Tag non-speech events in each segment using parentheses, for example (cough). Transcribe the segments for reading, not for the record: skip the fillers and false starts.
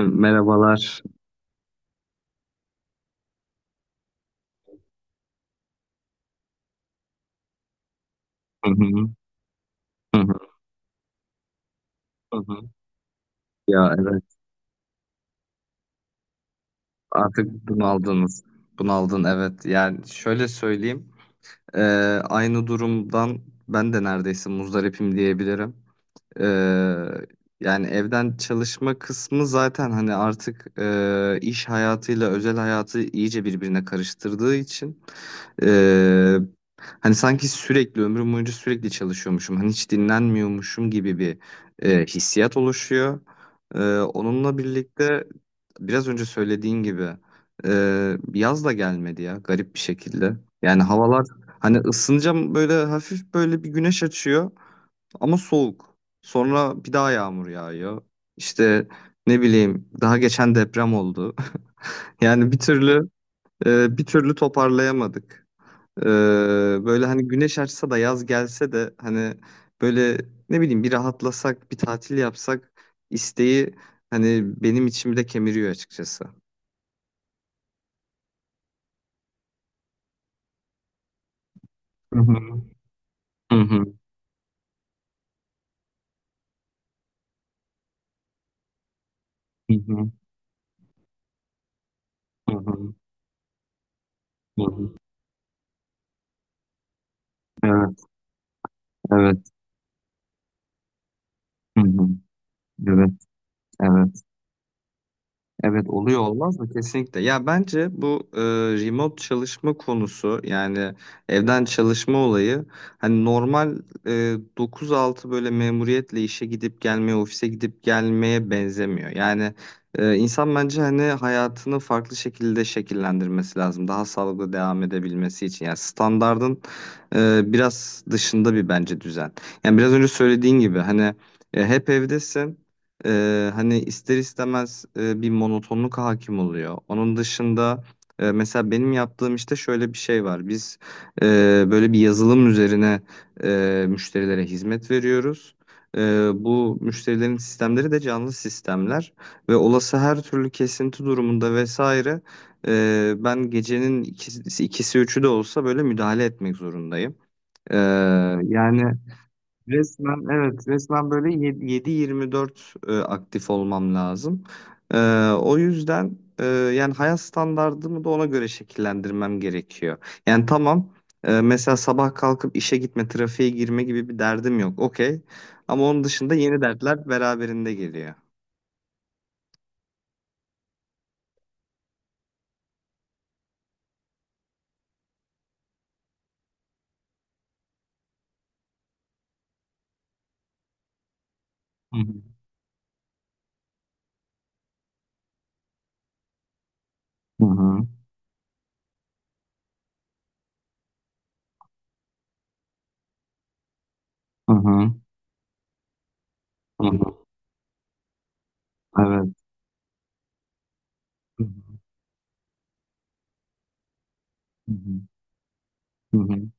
Merhabalar. Hı hı, hı hı, hı hı. Ya evet artık bunaldınız. Bunaldın evet. Yani şöyle söyleyeyim. Ee, Aynı durumdan ben de neredeyse muzdaripim diyebilirim. Ee, Yani evden çalışma kısmı zaten hani artık iş hayatıyla özel hayatı iyice birbirine karıştırdığı için. Ee, Hani sanki sürekli ömrüm boyunca sürekli çalışıyormuşum. Hani hiç dinlenmiyormuşum gibi bir hissiyat oluşuyor. Onunla birlikte biraz önce söylediğin gibi yaz da gelmedi ya garip bir şekilde. Yani havalar hani ısınacağım böyle hafif böyle bir güneş açıyor ama soğuk. Sonra bir daha yağmur yağıyor. İşte ne bileyim daha geçen deprem oldu. (laughs) Yani bir türlü toparlayamadık. Ee, Böyle hani güneş açsa da yaz gelse de hani böyle ne bileyim bir rahatlasak, bir tatil yapsak isteği hani benim içimde kemiriyor açıkçası. Hı hı. Hı hı. Hı hı. Hı hı. Hı hı. Evet, evet. Hı hı. Evet, evet. Evet oluyor olmaz mı? Kesinlikle. Ya bence bu remote çalışma konusu yani evden çalışma olayı hani normal e, 9-6 böyle memuriyetle işe gidip gelmeye, ofise gidip gelmeye benzemiyor. Yani insan bence hani hayatını farklı şekilde şekillendirmesi lazım. Daha sağlıklı devam edebilmesi için. Yani standardın biraz dışında bir bence düzen. Yani biraz önce söylediğin gibi hani hep evdesin. Hani ister istemez bir monotonluk hakim oluyor. Onun dışında mesela benim yaptığım işte şöyle bir şey var. Biz e, böyle bir yazılım üzerine müşterilere hizmet veriyoruz. E, Bu müşterilerin sistemleri de canlı sistemler ve olası her türlü kesinti durumunda vesaire ben gecenin ikisi, ikisi üçü de olsa böyle müdahale etmek zorundayım. E, Yani. Resmen evet resmen böyle 7-24 aktif olmam lazım. E, O yüzden yani hayat standardımı da ona göre şekillendirmem gerekiyor. Yani tamam mesela sabah kalkıp işe gitme, trafiğe girme gibi bir derdim yok. Okey. Ama onun dışında yeni dertler beraberinde geliyor. Hı hı. Hı hı. Hı hı. Evet. Hı hı. Evet. Hı hı. Hı hı.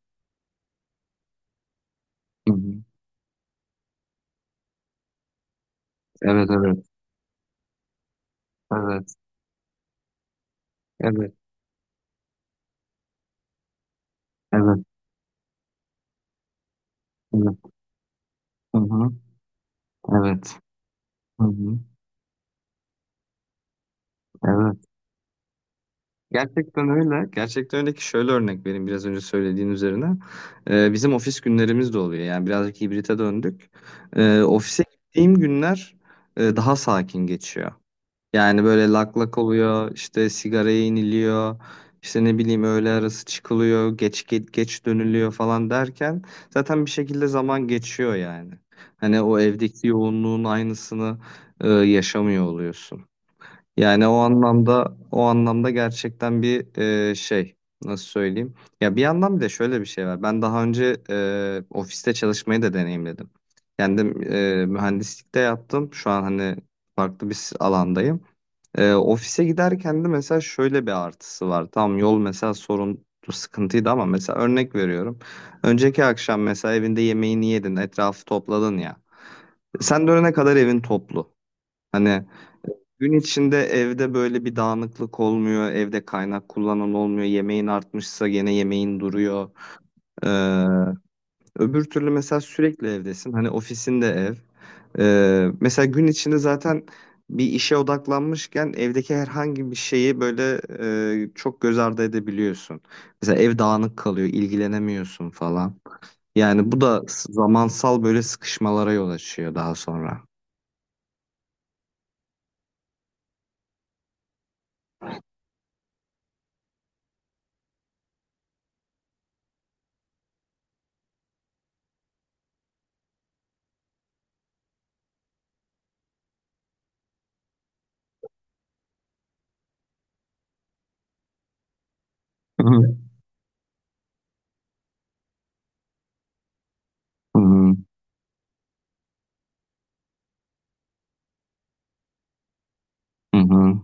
Hı hı. Evet, evet. Evet. Evet. Evet. Evet. Hı hı. Evet. Hı hı. Evet. Gerçekten öyle. Gerçekten öyle ki şöyle örnek vereyim biraz önce söylediğin üzerine. Bizim ofis günlerimiz de oluyor. Yani birazcık hibrite döndük. Ofise gittiğim günler daha sakin geçiyor. Yani böyle lak lak oluyor, işte sigaraya iniliyor, işte ne bileyim öğle arası çıkılıyor, geç geç, geç dönülüyor falan derken zaten bir şekilde zaman geçiyor yani. Hani o evdeki yoğunluğun aynısını yaşamıyor oluyorsun. Yani o anlamda o anlamda gerçekten bir şey, nasıl söyleyeyim? Ya bir yandan bir de şöyle bir şey var. Ben daha önce ofiste çalışmayı da deneyimledim. Kendim mühendislikte yaptım. Şu an hani farklı bir alandayım. Ofise giderken de mesela şöyle bir artısı var. Tamam yol mesela sorun sıkıntıydı ama mesela örnek veriyorum. Önceki akşam mesela evinde yemeğini yedin, etrafı topladın ya. Sen dönene kadar evin toplu. Hani gün içinde evde böyle bir dağınıklık olmuyor, evde kaynak kullanan olmuyor, yemeğin artmışsa gene yemeğin duruyor. Ee, Öbür türlü mesela sürekli evdesin, hani ofisinde ev. Mesela gün içinde zaten bir işe odaklanmışken evdeki herhangi bir şeyi böyle çok göz ardı edebiliyorsun. Mesela ev dağınık kalıyor, ilgilenemiyorsun falan. Yani bu da zamansal böyle sıkışmalara yol açıyor daha sonra. Hı hı. Hı hı. Hı hı.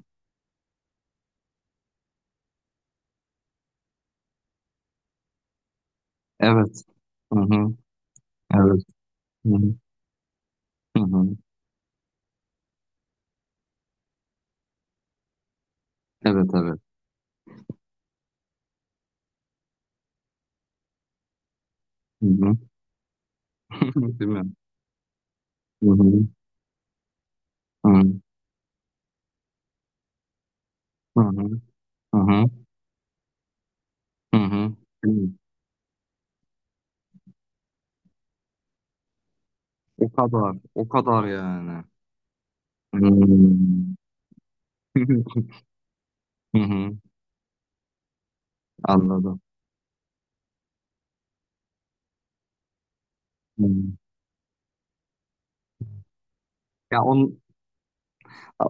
Evet. Hı hı. Evet. Hı hı. Hı hı. Evet, evet. Hı hı. (laughs) Değil mi? Hı hı. Hı hı. Hı hı. Hı hı. Hı hı. Değil mi? O kadar. O kadar yani. Hmm. (laughs) Hı hı. Anladım. Hı. Ya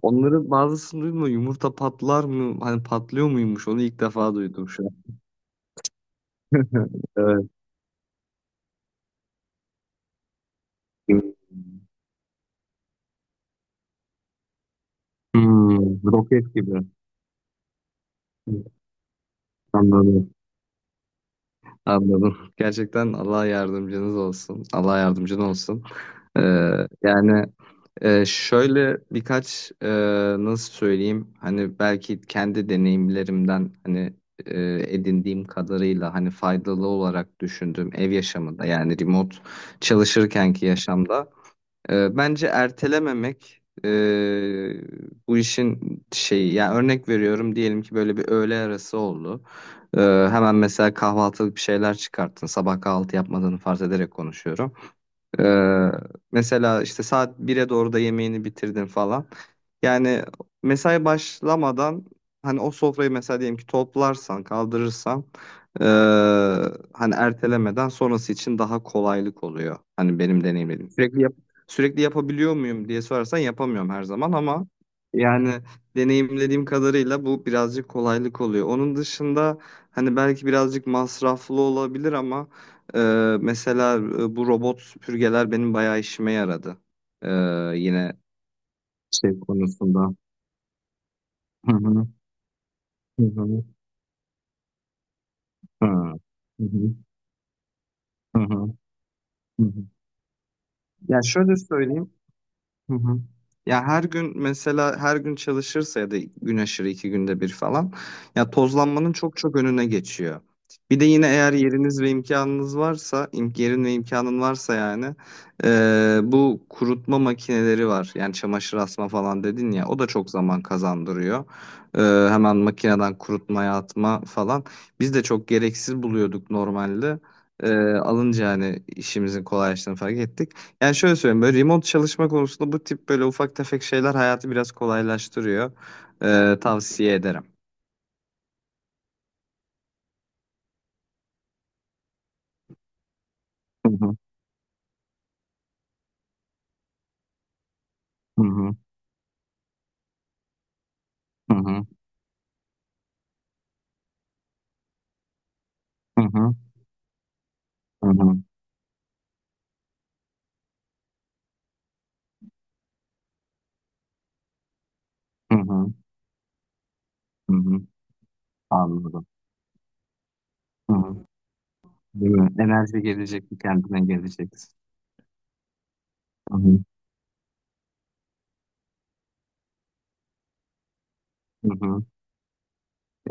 onları bazısını duydum da yumurta patlar mı? Hani patlıyor muymuş? Onu ilk defa duydum şu an. (laughs) Evet. Hmm. Roket gibi. Anladım. Anladım. Gerçekten Allah yardımcınız olsun. Allah yardımcın olsun. Ee, Yani. Şöyle birkaç nasıl söyleyeyim hani belki kendi deneyimlerimden hani edindiğim kadarıyla hani faydalı olarak düşündüğüm ev yaşamında yani remote çalışırkenki yaşamda bence ertelememek, bu işin şeyi yani örnek veriyorum diyelim ki böyle bir öğle arası oldu. E, Hemen mesela kahvaltılık bir şeyler çıkarttın sabah kahvaltı yapmadığını farz ederek konuşuyorum. Ee, Mesela işte saat bir'e doğru da yemeğini bitirdin falan. Yani mesai başlamadan hani o sofrayı mesela diyelim ki toplarsan, kaldırırsan ee, hani ertelemeden sonrası için daha kolaylık oluyor. Hani benim deneyimlerim. Sürekli yapabiliyor muyum diye sorarsan yapamıyorum her zaman ama yani deneyimlediğim kadarıyla bu birazcık kolaylık oluyor. Onun dışında hani belki birazcık masraflı olabilir ama mesela bu robot süpürgeler benim bayağı işime yaradı. Ee, Yine şey konusunda. Hı hı. Hı hı. Hı. Hı hı. Hı hı. Hı hı. Ya şöyle söyleyeyim. Hı hı. Ya her gün mesela her gün çalışırsa ya da gün aşırı iki günde bir falan ya tozlanmanın çok çok önüne geçiyor. Bir de yine eğer yeriniz ve imkanınız varsa, yerin ve imkanın varsa yani bu kurutma makineleri var. Yani çamaşır asma falan dedin ya o da çok zaman kazandırıyor. Hemen makineden kurutmaya atma falan. Biz de çok gereksiz buluyorduk normalde. Alınca hani işimizin kolaylaştığını fark ettik. Yani şöyle söyleyeyim böyle remote çalışma konusunda bu tip böyle ufak tefek şeyler hayatı biraz kolaylaştırıyor. Tavsiye ederim. Hı hı, hı hı, hı hı, hı hı, hı hı, hı hı, hı hı. Anladım. Hı hı. Değil mi? Enerji gelecek, kendine gelecek. Hı hı, hı hı.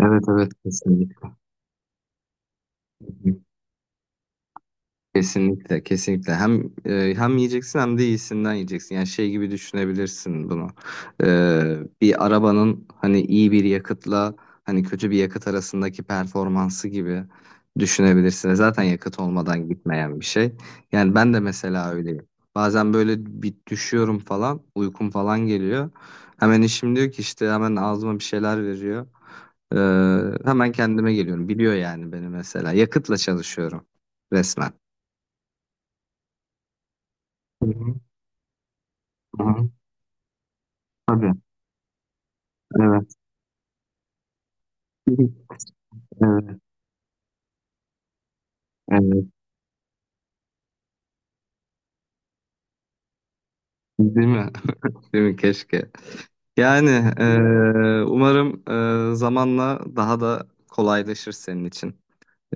Evet evet kesinlikle. Kesinlikle, kesinlikle. Hem yiyeceksin hem de iyisinden yiyeceksin. Yani şey gibi düşünebilirsin bunu. Bir arabanın hani iyi bir yakıtla hani kötü bir yakıt arasındaki performansı gibi düşünebilirsin. Zaten yakıt olmadan gitmeyen bir şey. Yani ben de mesela öyleyim. Bazen böyle bir düşüyorum falan, uykum falan geliyor. Hemen eşim diyor ki işte hemen ağzıma bir şeyler veriyor. Hemen kendime geliyorum. Biliyor yani beni mesela. Yakıtla çalışıyorum resmen. Hı hı. Hı hı. Tabii. Evet. (laughs) Evet. Evet. Değil mi? (laughs) Değil mi? Keşke. Yani umarım zamanla daha da kolaylaşır senin için.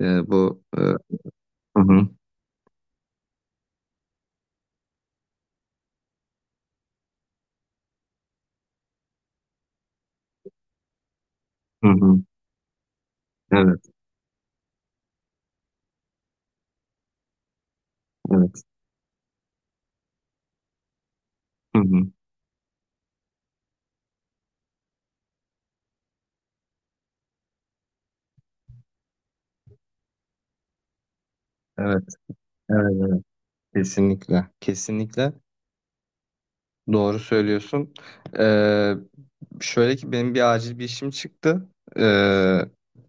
Bu hı hı. Hı hı. Evet. Evet. Hı hı. Evet. Evet. Evet. Kesinlikle. Kesinlikle. Doğru söylüyorsun. Eee, Şöyle ki benim bir acil bir işim çıktı. Eee,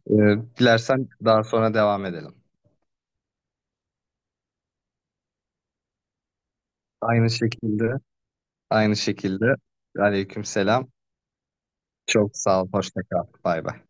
Dilersen daha sonra devam edelim. Aynı şekilde. Aynı şekilde. Aleyküm selam. Çok sağ ol. Hoşça kal. Bay bay.